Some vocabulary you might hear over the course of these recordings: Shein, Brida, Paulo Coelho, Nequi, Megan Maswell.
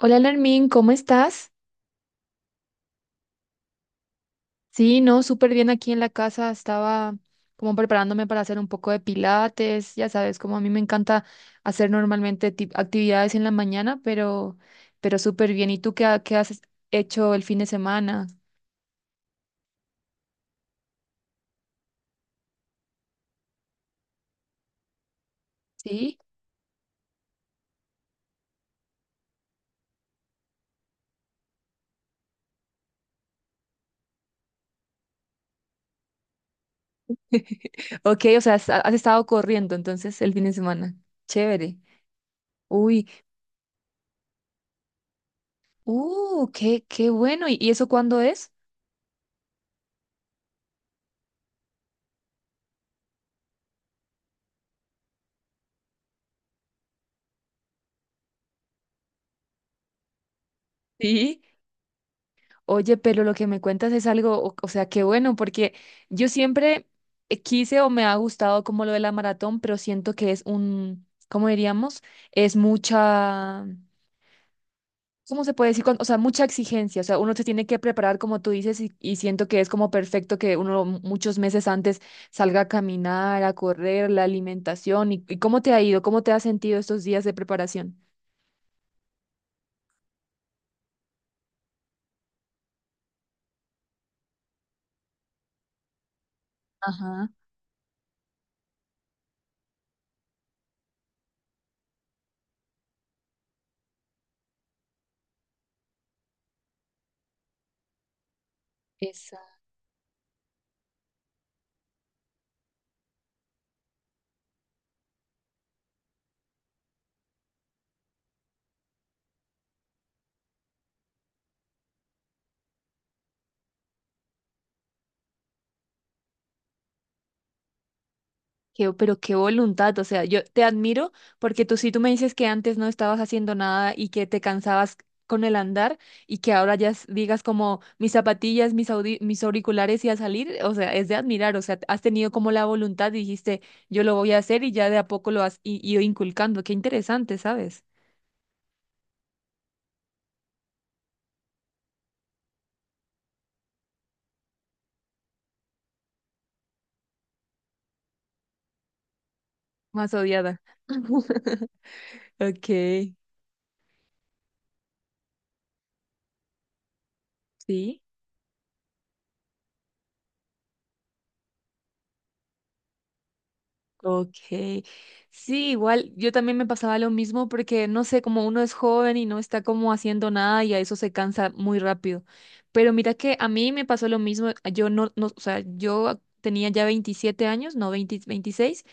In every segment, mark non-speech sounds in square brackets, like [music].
Hola, Lermín, ¿cómo estás? Sí, no, súper bien aquí en la casa. Estaba como preparándome para hacer un poco de pilates. Ya sabes, como a mí me encanta hacer normalmente actividades en la mañana, pero súper bien. ¿Y tú qué, qué has hecho el fin de semana? Sí. [laughs] Ok, o sea, has estado corriendo entonces el fin de semana. Chévere. Uy, qué bueno. ¿Y eso cuándo es? Sí. Oye, pero lo que me cuentas es algo, o sea, qué bueno, porque yo siempre quise o me ha gustado como lo de la maratón, pero siento que es un, ¿cómo diríamos? Es mucha, ¿cómo se puede decir? O sea, mucha exigencia, o sea, uno se tiene que preparar como tú dices y siento que es como perfecto que uno muchos meses antes salga a caminar, a correr, la alimentación y ¿cómo te ha ido? ¿Cómo te has sentido estos días de preparación? Ajá. Pero qué voluntad, o sea, yo te admiro porque tú sí tú me dices que antes no estabas haciendo nada y que te cansabas con el andar y que ahora ya digas como mis zapatillas, mis auriculares y a salir, o sea, es de admirar, o sea, has tenido como la voluntad y dijiste, yo lo voy a hacer y ya de a poco lo has ido inculcando, qué interesante, ¿sabes? Más odiada. [laughs] Ok, sí. Ok, sí, igual yo también me pasaba lo mismo porque no sé, como uno es joven y no está como haciendo nada y a eso se cansa muy rápido. Pero mira que a mí me pasó lo mismo, yo no, no, o sea, yo tenía ya 27 años, no 20, 26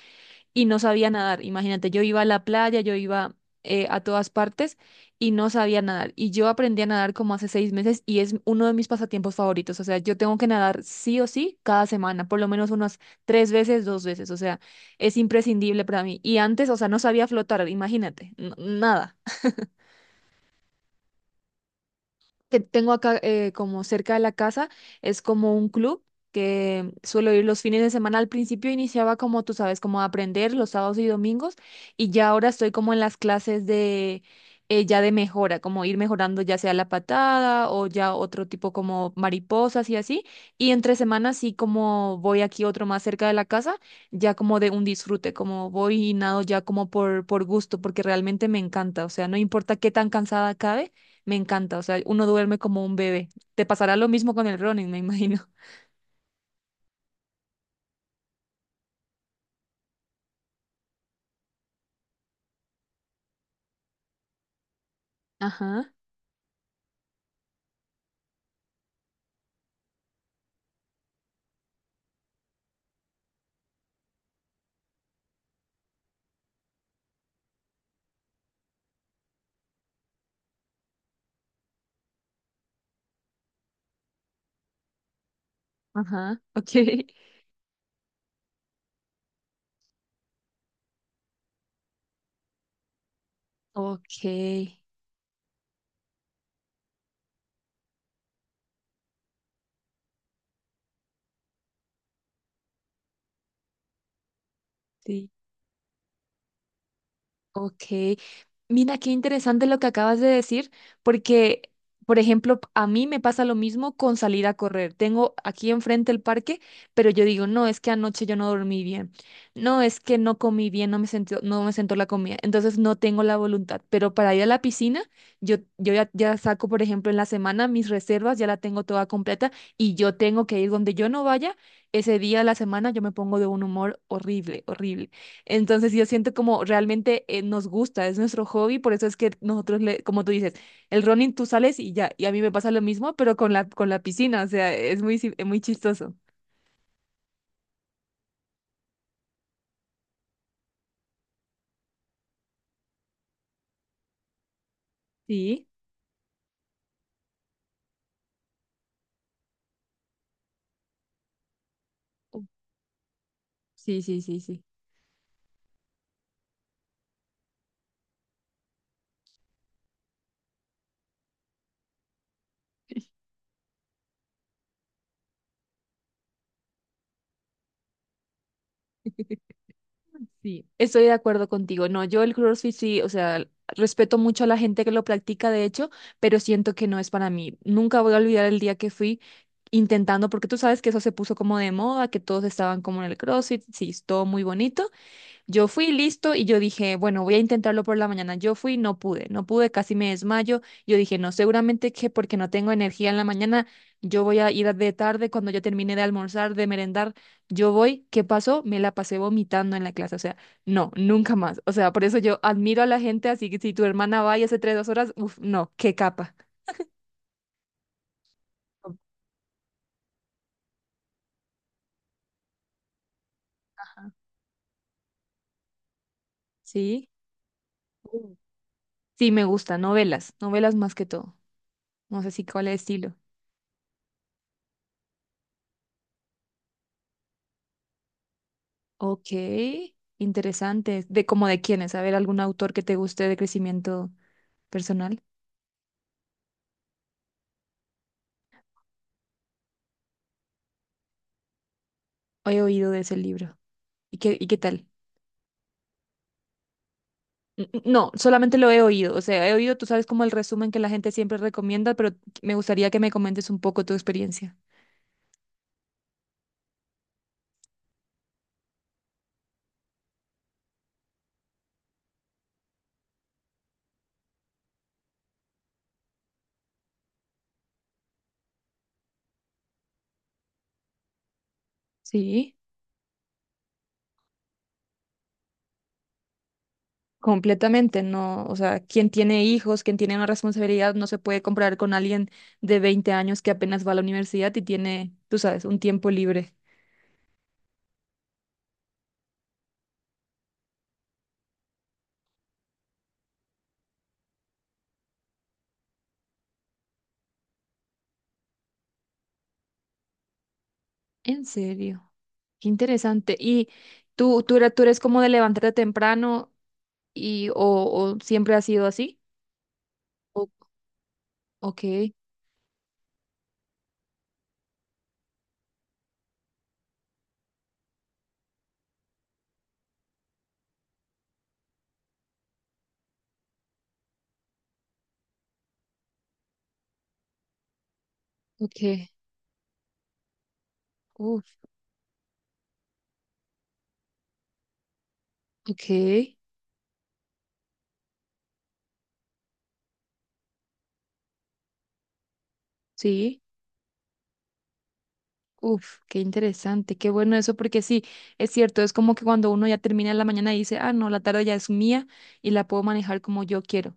y no sabía nadar. Imagínate, yo iba a la playa, yo iba a todas partes y no sabía nadar. Y yo aprendí a nadar como hace 6 meses y es uno de mis pasatiempos favoritos. O sea, yo tengo que nadar sí o sí cada semana, por lo menos unas 3 veces, 2 veces. O sea, es imprescindible para mí. Y antes, o sea, no sabía flotar, imagínate, nada. Que tengo acá como cerca de la casa es como un club que suelo ir los fines de semana. Al principio iniciaba como tú sabes, como a aprender los sábados y domingos y ya ahora estoy como en las clases de ya de mejora, como ir mejorando ya sea la patada o ya otro tipo como mariposas y así. Y entre semanas sí como voy aquí otro más cerca de la casa, ya como de un disfrute, como voy y nado ya como por gusto, porque realmente me encanta, o sea, no importa qué tan cansada acabe. Me encanta, o sea, uno duerme como un bebé. Te pasará lo mismo con el running, me imagino. Ajá, ajá, ok. [laughs] Ok, sí. Ok, mira qué interesante lo que acabas de decir, porque, por ejemplo, a mí me pasa lo mismo con salir a correr. Tengo aquí enfrente el parque, pero yo digo, no, es que anoche yo no dormí bien, no, es que no comí bien, no me sentó la comida, entonces no tengo la voluntad. Pero para ir a la piscina, yo, yo ya saco, por ejemplo, en la semana mis reservas, ya la tengo toda completa y yo tengo que ir donde yo no vaya, ese día de la semana yo me pongo de un humor horrible, horrible. Entonces yo siento como realmente nos gusta, es nuestro hobby, por eso es que nosotros, le, como tú dices, el running tú sales y ya, y a mí me pasa lo mismo, pero con la piscina, o sea, es muy, es muy chistoso. Sí, u- sí, sí, sí, sí. [laughs] Sí, estoy de acuerdo contigo. No, yo el CrossFit sí, o sea, respeto mucho a la gente que lo practica, de hecho, pero siento que no es para mí. Nunca voy a olvidar el día que fui intentando, porque tú sabes que eso se puso como de moda, que todos estaban como en el CrossFit, sí, es todo muy bonito. Yo fui listo y yo dije, bueno, voy a intentarlo por la mañana. Yo fui, no pude, no pude, casi me desmayo. Yo dije, no, seguramente que porque no tengo energía en la mañana, yo voy a ir de tarde cuando yo termine de almorzar, de merendar, yo voy. ¿Qué pasó? Me la pasé vomitando en la clase. O sea, no, nunca más. O sea, por eso yo admiro a la gente, así que si tu hermana va y hace tres, 2 horas, uff, no, qué capa. Sí, Mm. Sí, me gusta, novelas, novelas más que todo. No sé si cuál es el estilo. Ok, interesante. ¿De cómo de quiénes? A ver, algún autor que te guste de crecimiento personal. He oído de ese libro. ¿Y qué tal? No, solamente lo he oído. O sea, he oído, tú sabes, como el resumen que la gente siempre recomienda, pero me gustaría que me comentes un poco tu experiencia. Sí, completamente, no, o sea, quien tiene hijos, quien tiene una responsabilidad, no se puede comparar con alguien de 20 años que apenas va a la universidad y tiene, tú sabes, un tiempo libre. En serio. Qué interesante. ¿Y tú eres como de levantarte temprano y o siempre ha sido así? O- ok, ok, uf, ok, sí, uf, qué interesante, qué bueno eso, porque sí, es cierto, es como que cuando uno ya termina en la mañana y dice, ah, no, la tarde ya es mía y la puedo manejar como yo quiero.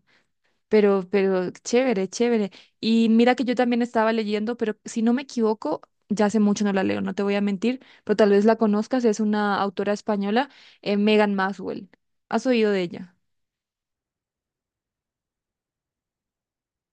Pero chévere, chévere. Y mira que yo también estaba leyendo, pero si no me equivoco, ya hace mucho no la leo, no te voy a mentir, pero tal vez la conozcas, es una autora española, Megan Maswell. ¿Has oído de ella?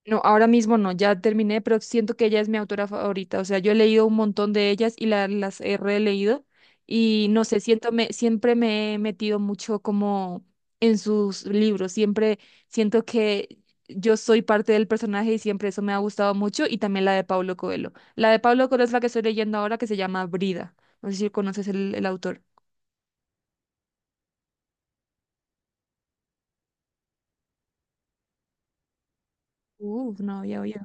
No, ahora mismo no, ya terminé, pero siento que ella es mi autora favorita. O sea, yo he leído un montón de ellas y las he releído y no sé, siento me, siempre me he metido mucho como en sus libros. Siempre siento que yo soy parte del personaje y siempre eso me ha gustado mucho y también la de Paulo Coelho. La de Paulo Coelho es la que estoy leyendo ahora que se llama Brida. No sé si conoces el autor. Uf, no había oído.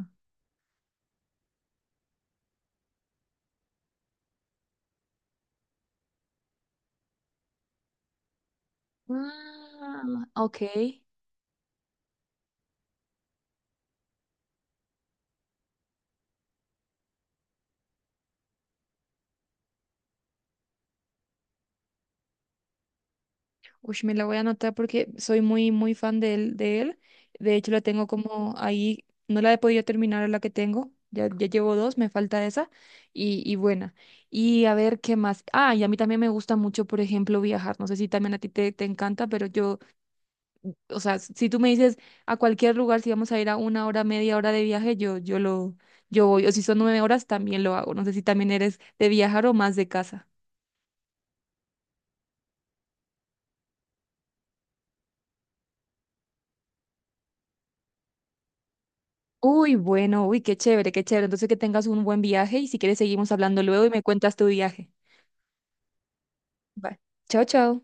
Ah, ok. Uy, me la voy a anotar porque soy muy, muy fan de él, de él. De hecho, la tengo como ahí, no la he podido terminar la que tengo. Ya, ya llevo dos, me falta esa y buena. Y a ver qué más. Ah, y a mí también me gusta mucho, por ejemplo, viajar. No sé si también a ti te encanta, pero yo, o sea, si tú me dices a cualquier lugar, si vamos a ir a 1 hora, media hora de viaje, yo voy. O si son 9 horas, también lo hago. No sé si también eres de viajar o más de casa. Uy, bueno, uy, qué chévere, qué chévere. Entonces que tengas un buen viaje y si quieres seguimos hablando luego y me cuentas tu viaje. Bye. Chao, chao.